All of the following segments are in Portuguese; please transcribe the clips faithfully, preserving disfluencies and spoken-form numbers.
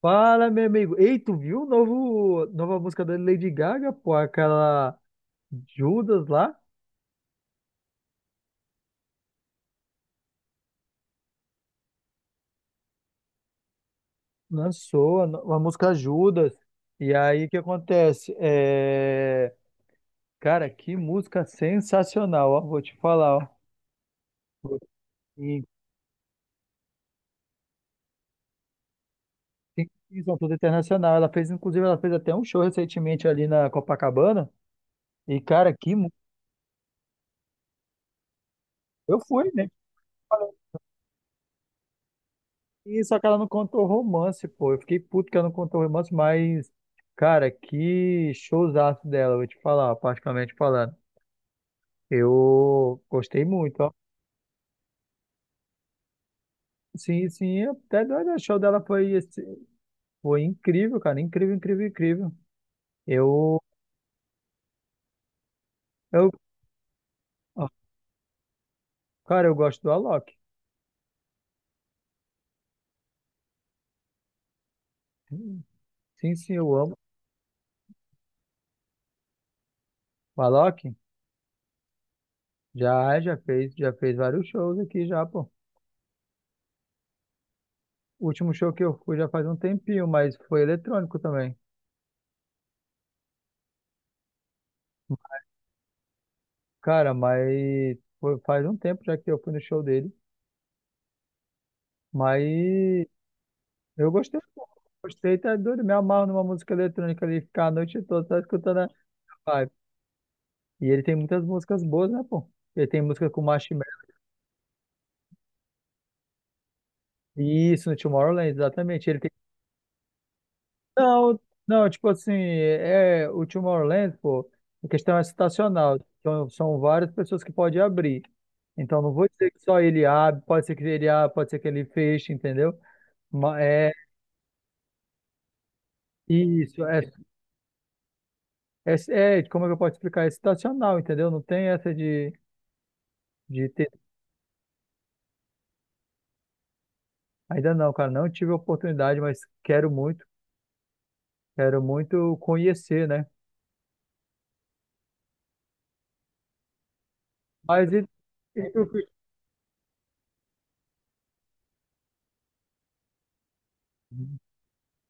Fala, meu amigo. Ei, tu viu o novo, nova música da Lady Gaga, pô? Aquela Judas lá? Lançou a, no- a música Judas. E aí, o que acontece? É... Cara, que música sensacional, ó. Vou te falar, ó. E tem visão toda internacional. Ela fez, inclusive, ela fez até um show recentemente ali na Copacabana. E, cara, que... mu- Eu fui, né? E só que ela não contou romance, pô. Eu fiquei puto que ela não contou romance, mas, cara, que showzaço dela, vou te falar, particularmente falando. Eu gostei muito, ó. Sim, sim, até doido. O show dela foi, esse- foi incrível, cara. Incrível, incrível, incrível. Eu, eu, ó, cara, eu gosto do Alok. Sim, sim, eu amo. O Alok já, já fez, já fez vários shows aqui já, pô. O último show que eu fui já faz um tempinho, mas foi eletrônico também. Cara, mas foi- faz um tempo já que eu fui no show dele, mas eu gostei, pô. Gostei, tá doido, me amarro numa música eletrônica ali, ficar a noite toda só escutando a vibe. E ele tem muitas músicas boas, né, pô? Ele tem música com Marshmello, isso, no Tomorrowland, exatamente, ele tem... Não, não, tipo assim, é, o Tomorrowland, pô, a questão é estacional, então são várias pessoas que podem abrir, então não vou dizer que só ele abre, pode ser que ele abra, pode ser que ele feche, entendeu? Ma- É, isso, é, é, é, como é que eu posso explicar? É situacional, entendeu? Não tem essa de, de ter. Ainda não, cara, não tive a oportunidade, mas quero muito, quero muito conhecer, né? Mas e, e tu, Cris?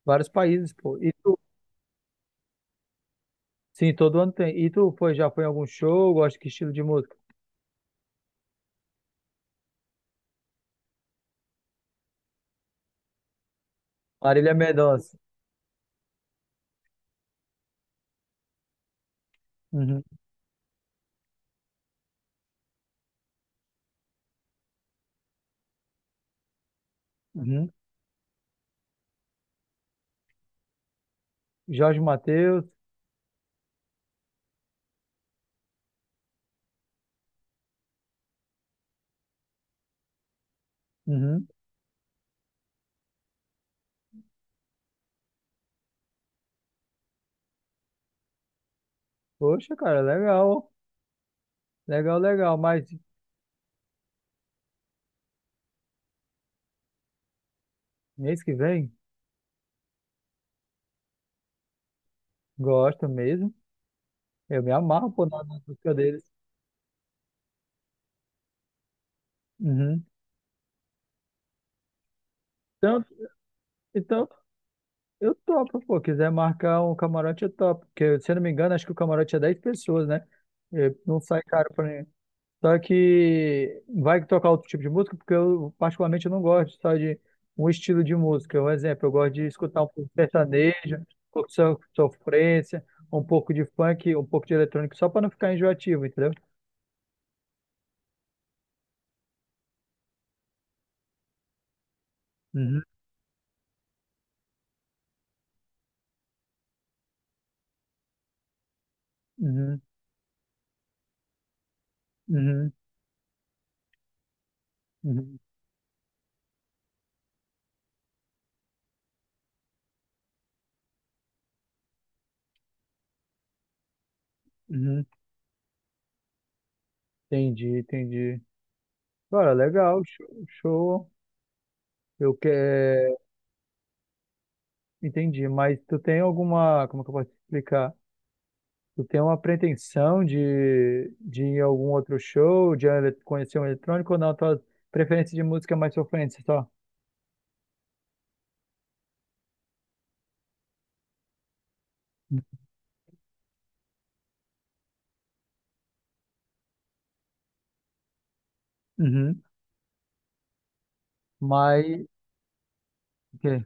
Vários países, pô. E tu, sim, todo ano tem. E tu foi, já foi em algum show? Gosta que estilo de música? Marília Mendonça. Uhum, uhum. Jorge Mateus. Uhum. Poxa, cara, legal. Legal, legal. Mas mês que vem, gosto mesmo. Eu me amarro, por na na música deles. Uhum. Então, então eu topo, pô. Quiser marcar um camarote, eu topo. Porque, se eu não me engano, acho que o camarote é dez pessoas, né? É, não sai caro pra mim. Só que vai tocar outro tipo de música, porque eu, particularmente, eu não gosto só de um estilo de música. Um exemplo, eu gosto de escutar um pouco de sertanejo, um pouco de so- sofrência, um pouco de funk, um pouco de eletrônico, só pra não ficar enjoativo, entendeu? Uhum, uhum, uhum, uhum, uhum. Entendi, entendi. Cara, legal, show. Show. Eu quero. Entendi, mas tu tem alguma, como que eu posso te explicar? Tu tem uma pretensão de, de ir a algum outro show, de ele- conhecer um eletrônico ou não? Tua preferência de música é mais sofrência só? Uhum. Mas, ok.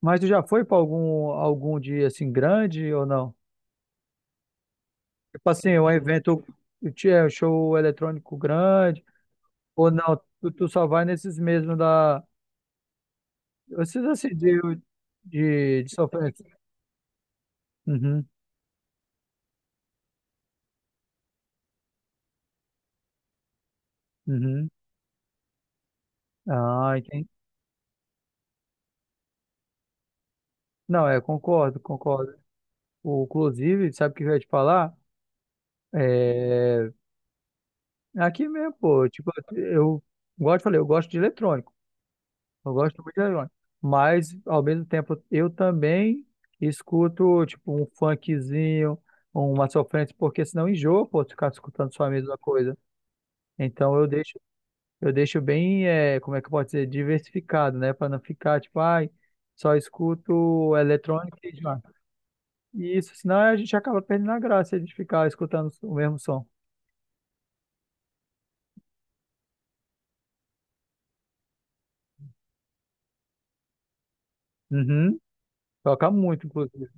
Mas tu já foi para algum, algum dia assim grande ou não? Tipo assim, um evento, ti- é, um show eletrônico grande ou não? Tu, tu só vai nesses mesmos da, esses assim de, de, de sofrência. Uhum, uhum. Ah, entendi. Não, é, concordo, concordo. O, inclusive, sabe o que eu ia te falar? É, aqui mesmo, pô, tipo, eu gosto, falei, eu gosto de eletrônico, eu gosto muito de eletrônico, mas ao mesmo tempo eu também escuto, tipo, um funkzinho, uma sofrência, porque senão enjoa, pô, ficar escutando só a mesma coisa. Então eu deixo, eu deixo bem, é, como é que eu posso dizer, diversificado, né, para não ficar, tipo, ai, só escuto eletrônico e demais. E isso, senão a gente acaba perdendo a graça de ficar escutando o mesmo som. Uhum. Toca muito, inclusive.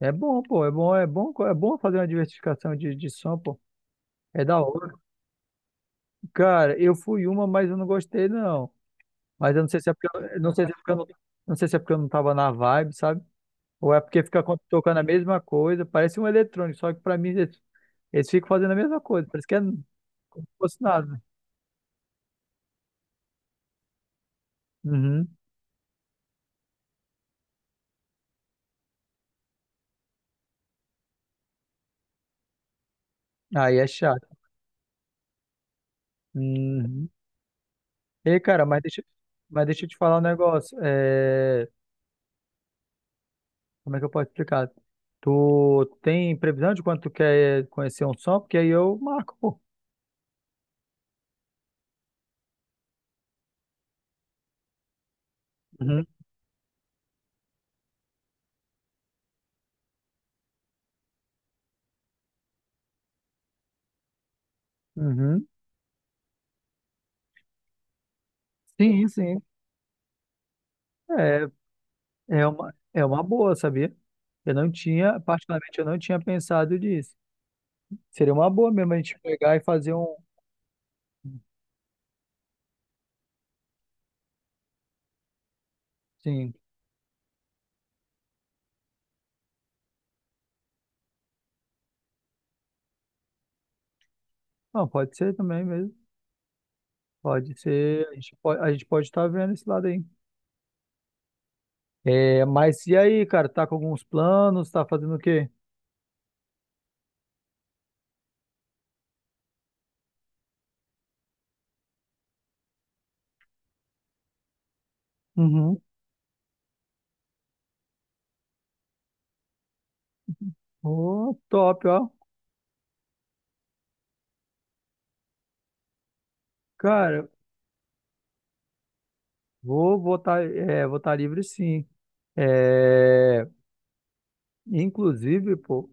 É bom, pô, é bom, é bom, é bom fazer uma diversificação de, de som, pô. É da hora. Cara, eu fui uma, mas eu não gostei, não. Mas eu não sei se é porque eu, eu não sei se é porque eu não, não sei se é porque eu não tava na vibe, sabe? Ou é porque fica co- tocando a mesma coisa, parece um eletrônico, só que pra mim eles, eles ficam fazendo a mesma coisa, parece que é como se fosse nada. Uhum. Aí é chato. Uhum. Ei, cara, mas deixa, mas deixa eu te falar um negócio. É, como é que eu posso explicar? Tu tem previsão de quando tu quer conhecer um som? Porque aí eu marco, pô. Uhum, uhum. Sim, sim. É, é uma, é uma boa, sabia? Eu não tinha, particularmente, eu não tinha pensado nisso. Seria uma boa mesmo a gente pegar e fazer um. Sim. Não, pode ser também mesmo. Pode ser. A gente pode, a gente pode estar vendo esse lado aí. É, mas e aí, cara? Tá com alguns planos? Tá fazendo o quê? Uhum. Ô, top, ó. Cara, vou votar, é, votar livre sim. É, inclusive, pô,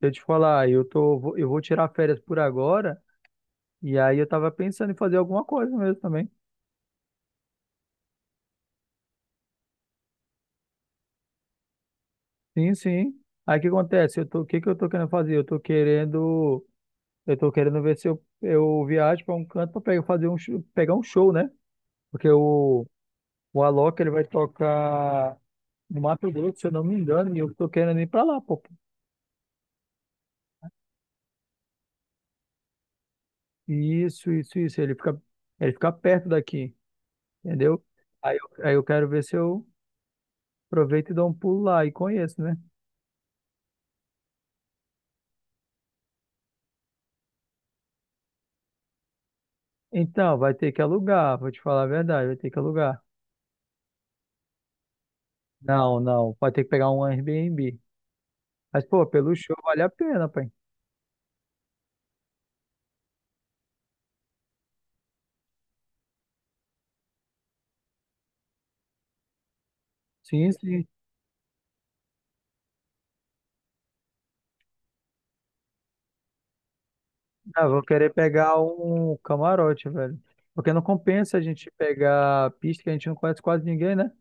eu te falar, eu tô, vou- eu vou tirar férias por agora, e aí eu tava pensando em fazer alguma coisa mesmo também. Sim, sim. Aí o que acontece? Eu tô, o que que eu tô querendo fazer? Eu tô querendo, eu tô querendo ver se eu, eu viajo para um canto para pegar, fazer um, show- pegar um show, né? Porque o, o Alok, ele vai tocar no Mato Grosso, se eu não me engano, e eu tô querendo ir para lá, pô. Isso, isso, isso. Ele fica, ele fica perto daqui, entendeu? Aí eu, aí eu quero ver se eu aproveito e dou um pulo lá e conheço, né? Então, vai ter que alugar, vou te falar a verdade, vai ter que alugar. Não, não, vai ter que pegar um Airbnb. Mas, pô, pelo show vale a pena, pai. Sim, sim. Ah, vou querer pegar um camarote, velho. Porque não compensa a gente pegar pista que a gente não conhece quase ninguém, né?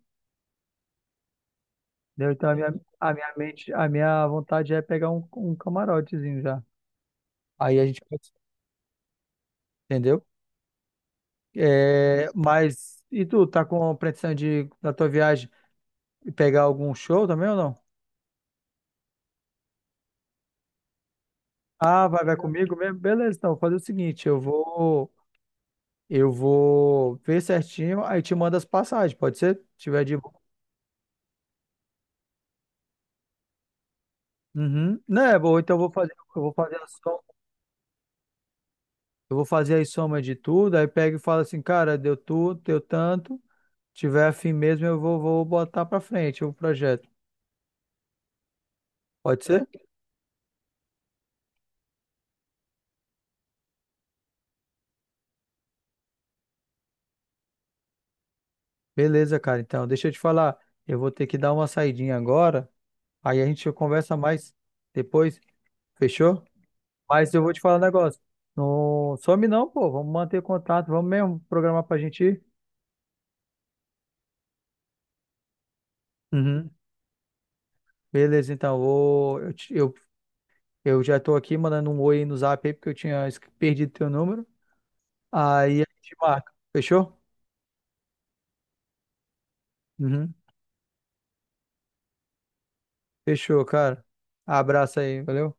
Entendeu? Então, a minha, a minha mente, a minha vontade é pegar um, um camarotezinho já. Aí a gente, pode- entendeu? É, mas e tu, tá com pretensão de, na tua viagem, pegar algum show também ou não? Ah, vai, vai comigo mesmo? Beleza, então, vou fazer o seguinte, eu vou, eu vou ver certinho, aí te mando as passagens, pode ser? Se tiver de boa. Uhum. Né, bom, então eu vou fazer, eu vou fazer a soma, eu vou fazer a soma de tudo, aí pega e fala assim, cara, deu tudo, deu tanto, tiver afim mesmo, eu vou, vou botar pra frente o projeto. Pode ser? Beleza, cara, então, deixa eu te falar, eu vou ter que dar uma saidinha agora. Aí a gente conversa mais depois, fechou? Mas eu vou te falar um negócio. Não some não, pô. Vamos manter contato, vamos mesmo programar pra gente ir. Uhum. Beleza, então, vou, eu, te- eu, eu já tô aqui mandando um oi no zap aí, porque eu tinha esque- perdido teu número. Aí a gente marca, fechou? Uhum. Fechou, cara. Abraço aí, valeu?